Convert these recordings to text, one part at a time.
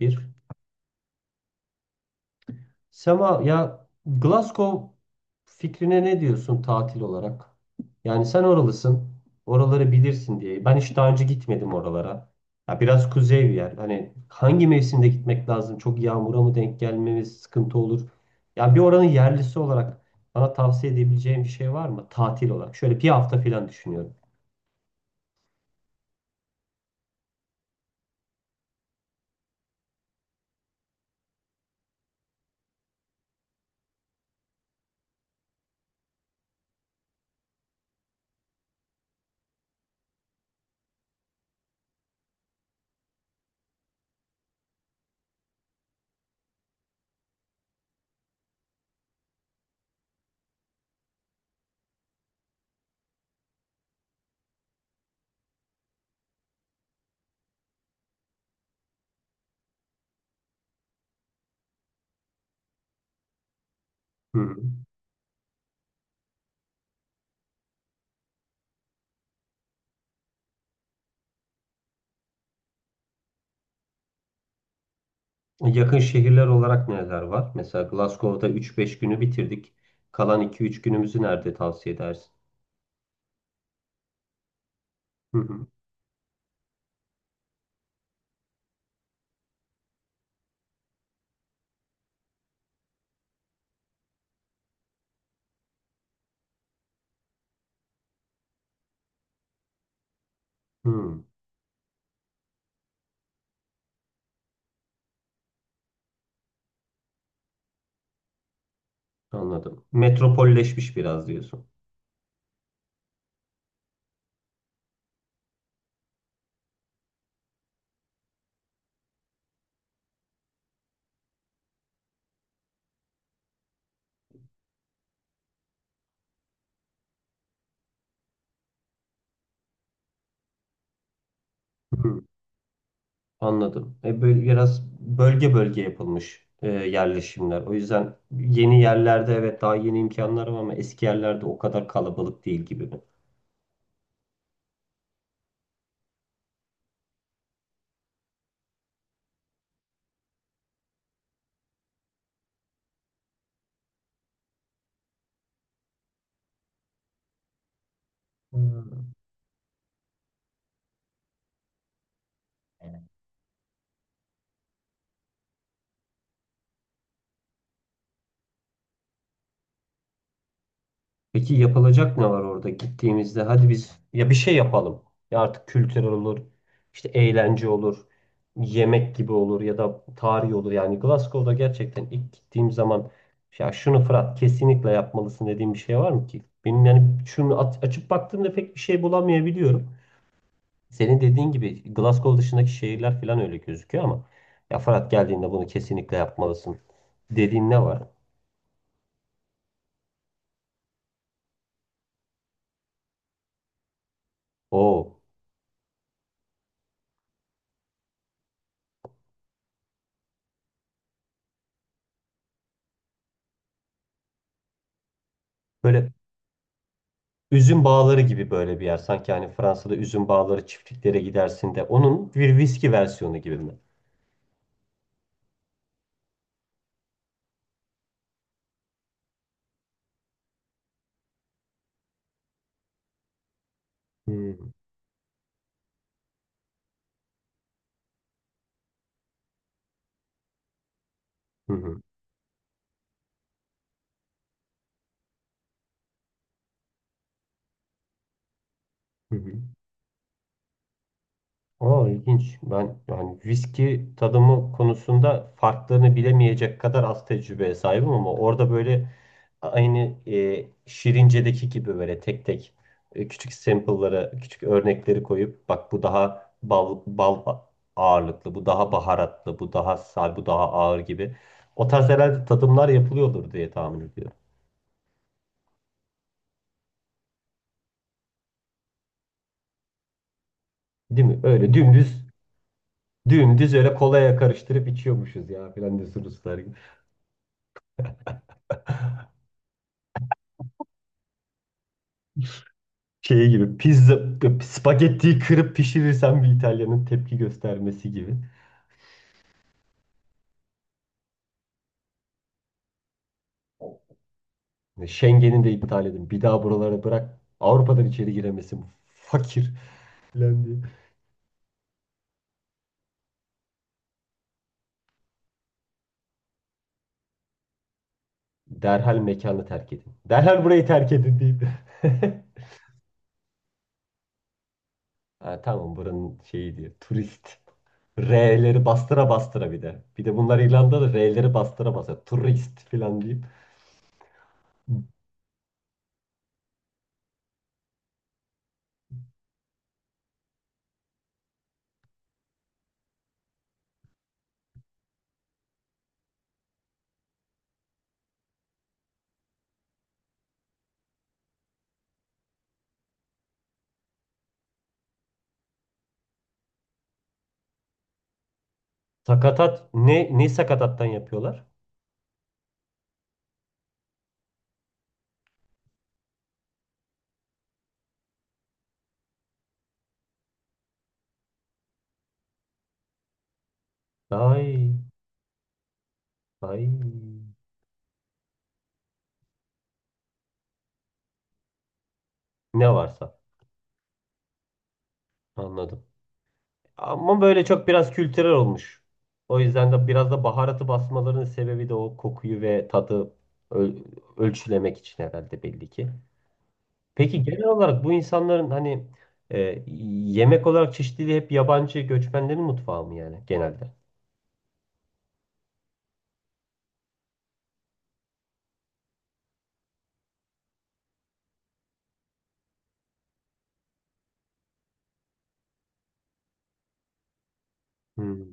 Bir. Sema ya Glasgow fikrine ne diyorsun tatil olarak? Yani sen oralısın. Oraları bilirsin diye. Ben hiç daha önce gitmedim oralara. Ya biraz kuzey bir yer. Hani hangi mevsimde gitmek lazım? Çok yağmura mı denk gelmemiz sıkıntı olur? Yani bir oranın yerlisi olarak bana tavsiye edebileceğim bir şey var mı? Tatil olarak. Şöyle bir hafta falan düşünüyorum. Hı hı. Yakın şehirler olarak neler var? Mesela Glasgow'da üç beş günü bitirdik. Kalan iki üç günümüzü nerede tavsiye edersin? Hı hı. Hı, anladım. Metropolleşmiş biraz diyorsun. Hı, anladım. Böyle biraz bölge bölge yapılmış yerleşimler. O yüzden yeni yerlerde evet daha yeni imkanlar var ama eski yerlerde o kadar kalabalık değil gibi mi? Hı. Peki yapılacak ne var orada gittiğimizde? Hadi biz ya bir şey yapalım. Ya artık kültür olur, işte eğlence olur, yemek gibi olur ya da tarih olur. Yani Glasgow'da gerçekten ilk gittiğim zaman ya şunu Fırat kesinlikle yapmalısın dediğim bir şey var mı ki? Benim yani şunu açıp baktığımda pek bir şey bulamayabiliyorum. Senin dediğin gibi Glasgow dışındaki şehirler falan öyle gözüküyor ama ya Fırat geldiğinde bunu kesinlikle yapmalısın dediğin ne var? Oo. Böyle üzüm bağları gibi böyle bir yer. Sanki hani Fransa'da üzüm bağları çiftliklere gidersin de onun bir viski versiyonu gibi mi? Hmm. Hı hı. Hı hı. Aa, ilginç. Ben yani viski tadımı konusunda farklarını bilemeyecek kadar az tecrübeye sahibim ama orada böyle aynı Şirince'deki gibi böyle tek tek küçük sample'lara, küçük örnekleri koyup bak bu daha bal ağırlıklı, bu daha baharatlı, bu daha sal, bu daha ağır gibi. O tarz herhalde tadımlar yapılıyordur diye tahmin ediyorum. Değil mi? Öyle dümdüz, dümdüz öyle kolaya karıştırıp içiyormuşuz ya filan diyorsunuz. Şey gibi pizza spagettiyi kırıp pişirirsen bir İtalyanın tepki göstermesi gibi. Schengen'i de iptal edin. Bir daha buralara bırak. Avrupa'dan içeri giremesin. Bu fakir falan diye. Derhal mekanı terk edin. Derhal burayı terk edin deyip. Ha, tamam buranın şeyi diyor turist. R'leri bastıra bastıra bir de. Bir de bunlar İrlanda'da R'leri bastıra bastıra. Turist falan deyip. Sakatat. Ne sakatattan yapıyorlar? Ay. Ay. Ne varsa. Anladım. Ama böyle çok biraz kültürel olmuş. O yüzden de biraz da baharatı basmalarının sebebi de o kokuyu ve tadı öl- ölçülemek için herhalde belli ki. Peki genel olarak bu insanların hani e, yemek olarak çeşitliliği hep yabancı göçmenlerin mutfağı mı yani genelde? Hmm.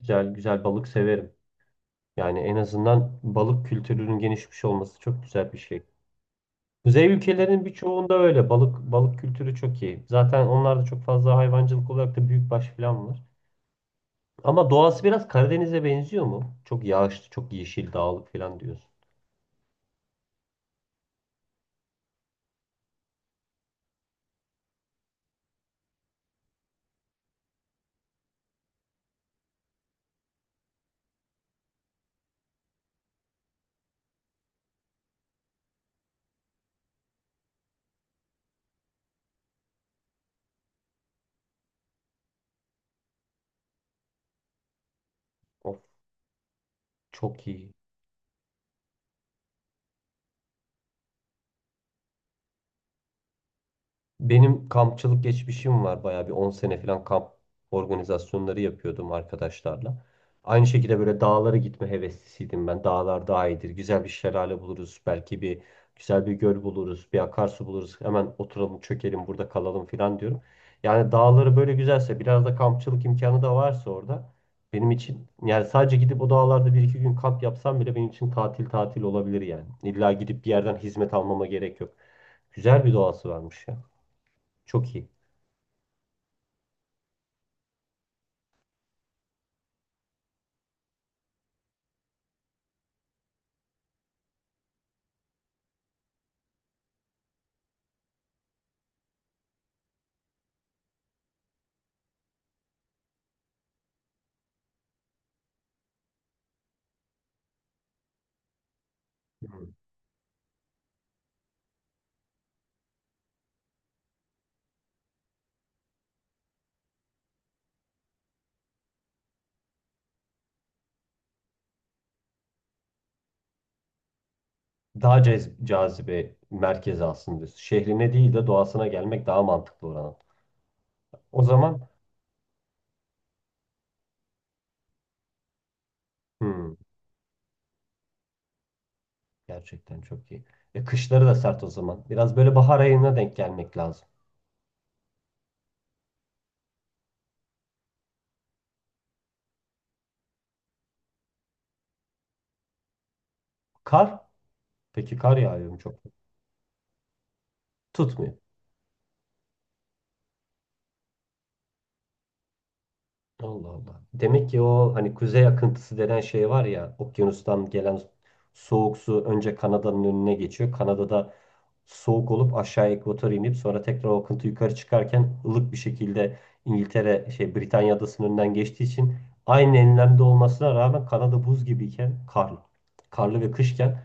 Güzel güzel balık severim. Yani en azından balık kültürünün gelişmiş olması çok güzel bir şey. Kuzey ülkelerinin birçoğunda öyle. Balık kültürü çok iyi. Zaten onlarda çok fazla hayvancılık olarak da büyükbaş falan var. Ama doğası biraz Karadeniz'e benziyor mu? Çok yağışlı, çok yeşil, dağlık falan diyorsun. Of, çok iyi. Benim kampçılık geçmişim var. Bayağı bir 10 sene falan kamp organizasyonları yapıyordum arkadaşlarla. Aynı şekilde böyle dağlara gitme heveslisiydim ben. Dağlar daha iyidir. Güzel bir şelale buluruz. Belki bir güzel bir göl buluruz. Bir akarsu buluruz. Hemen oturalım, çökelim, burada kalalım falan diyorum. Yani dağları böyle güzelse, biraz da kampçılık imkanı da varsa orada benim için yani sadece gidip o dağlarda bir iki gün kamp yapsam bile benim için tatil tatil olabilir yani. İlla gidip bir yerden hizmet almama gerek yok. Güzel bir doğası varmış ya. Çok iyi. Hı. Daha cazibe merkezi aslında diyorsun. Şehrine değil de doğasına gelmek daha mantıklı oranın. O zaman hmm, gerçekten çok iyi. Kışları da sert o zaman. Biraz böyle bahar ayına denk gelmek lazım. Kar? Peki kar yağıyor mu çok? Tutmuyor. Allah Allah. Demek ki o hani kuzey akıntısı denen şey var ya okyanustan gelen soğuk su önce Kanada'nın önüne geçiyor. Kanada'da soğuk olup aşağı ekvatora inip sonra tekrar o akıntı yukarı çıkarken ılık bir şekilde İngiltere şey Britanya adasının önünden geçtiği için aynı enlemde olmasına rağmen Kanada buz gibiyken karlı. Karlı ve kışken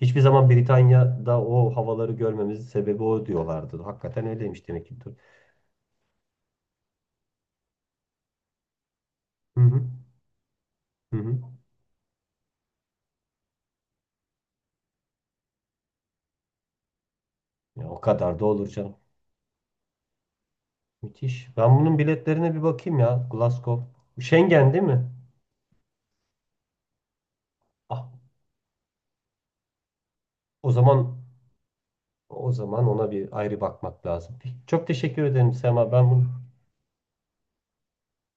hiçbir zaman Britanya'da o havaları görmemizin sebebi o diyorlardı. Hakikaten öyleymiş demek ki. Hı hı. Hı hı. Ya o kadar da olur canım. Müthiş. Ben bunun biletlerine bir bakayım ya. Glasgow. Schengen değil mi? Ah, o zaman o zaman ona bir ayrı bakmak lazım. Çok teşekkür ederim Sema. Ben bunu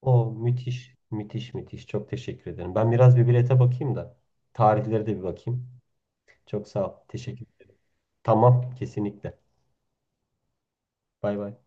O müthiş, müthiş, müthiş. Çok teşekkür ederim. Ben biraz bir bilete bakayım da tarihlere de bir bakayım. Çok sağ ol. Teşekkür ederim. Tamam, kesinlikle. Bay bay.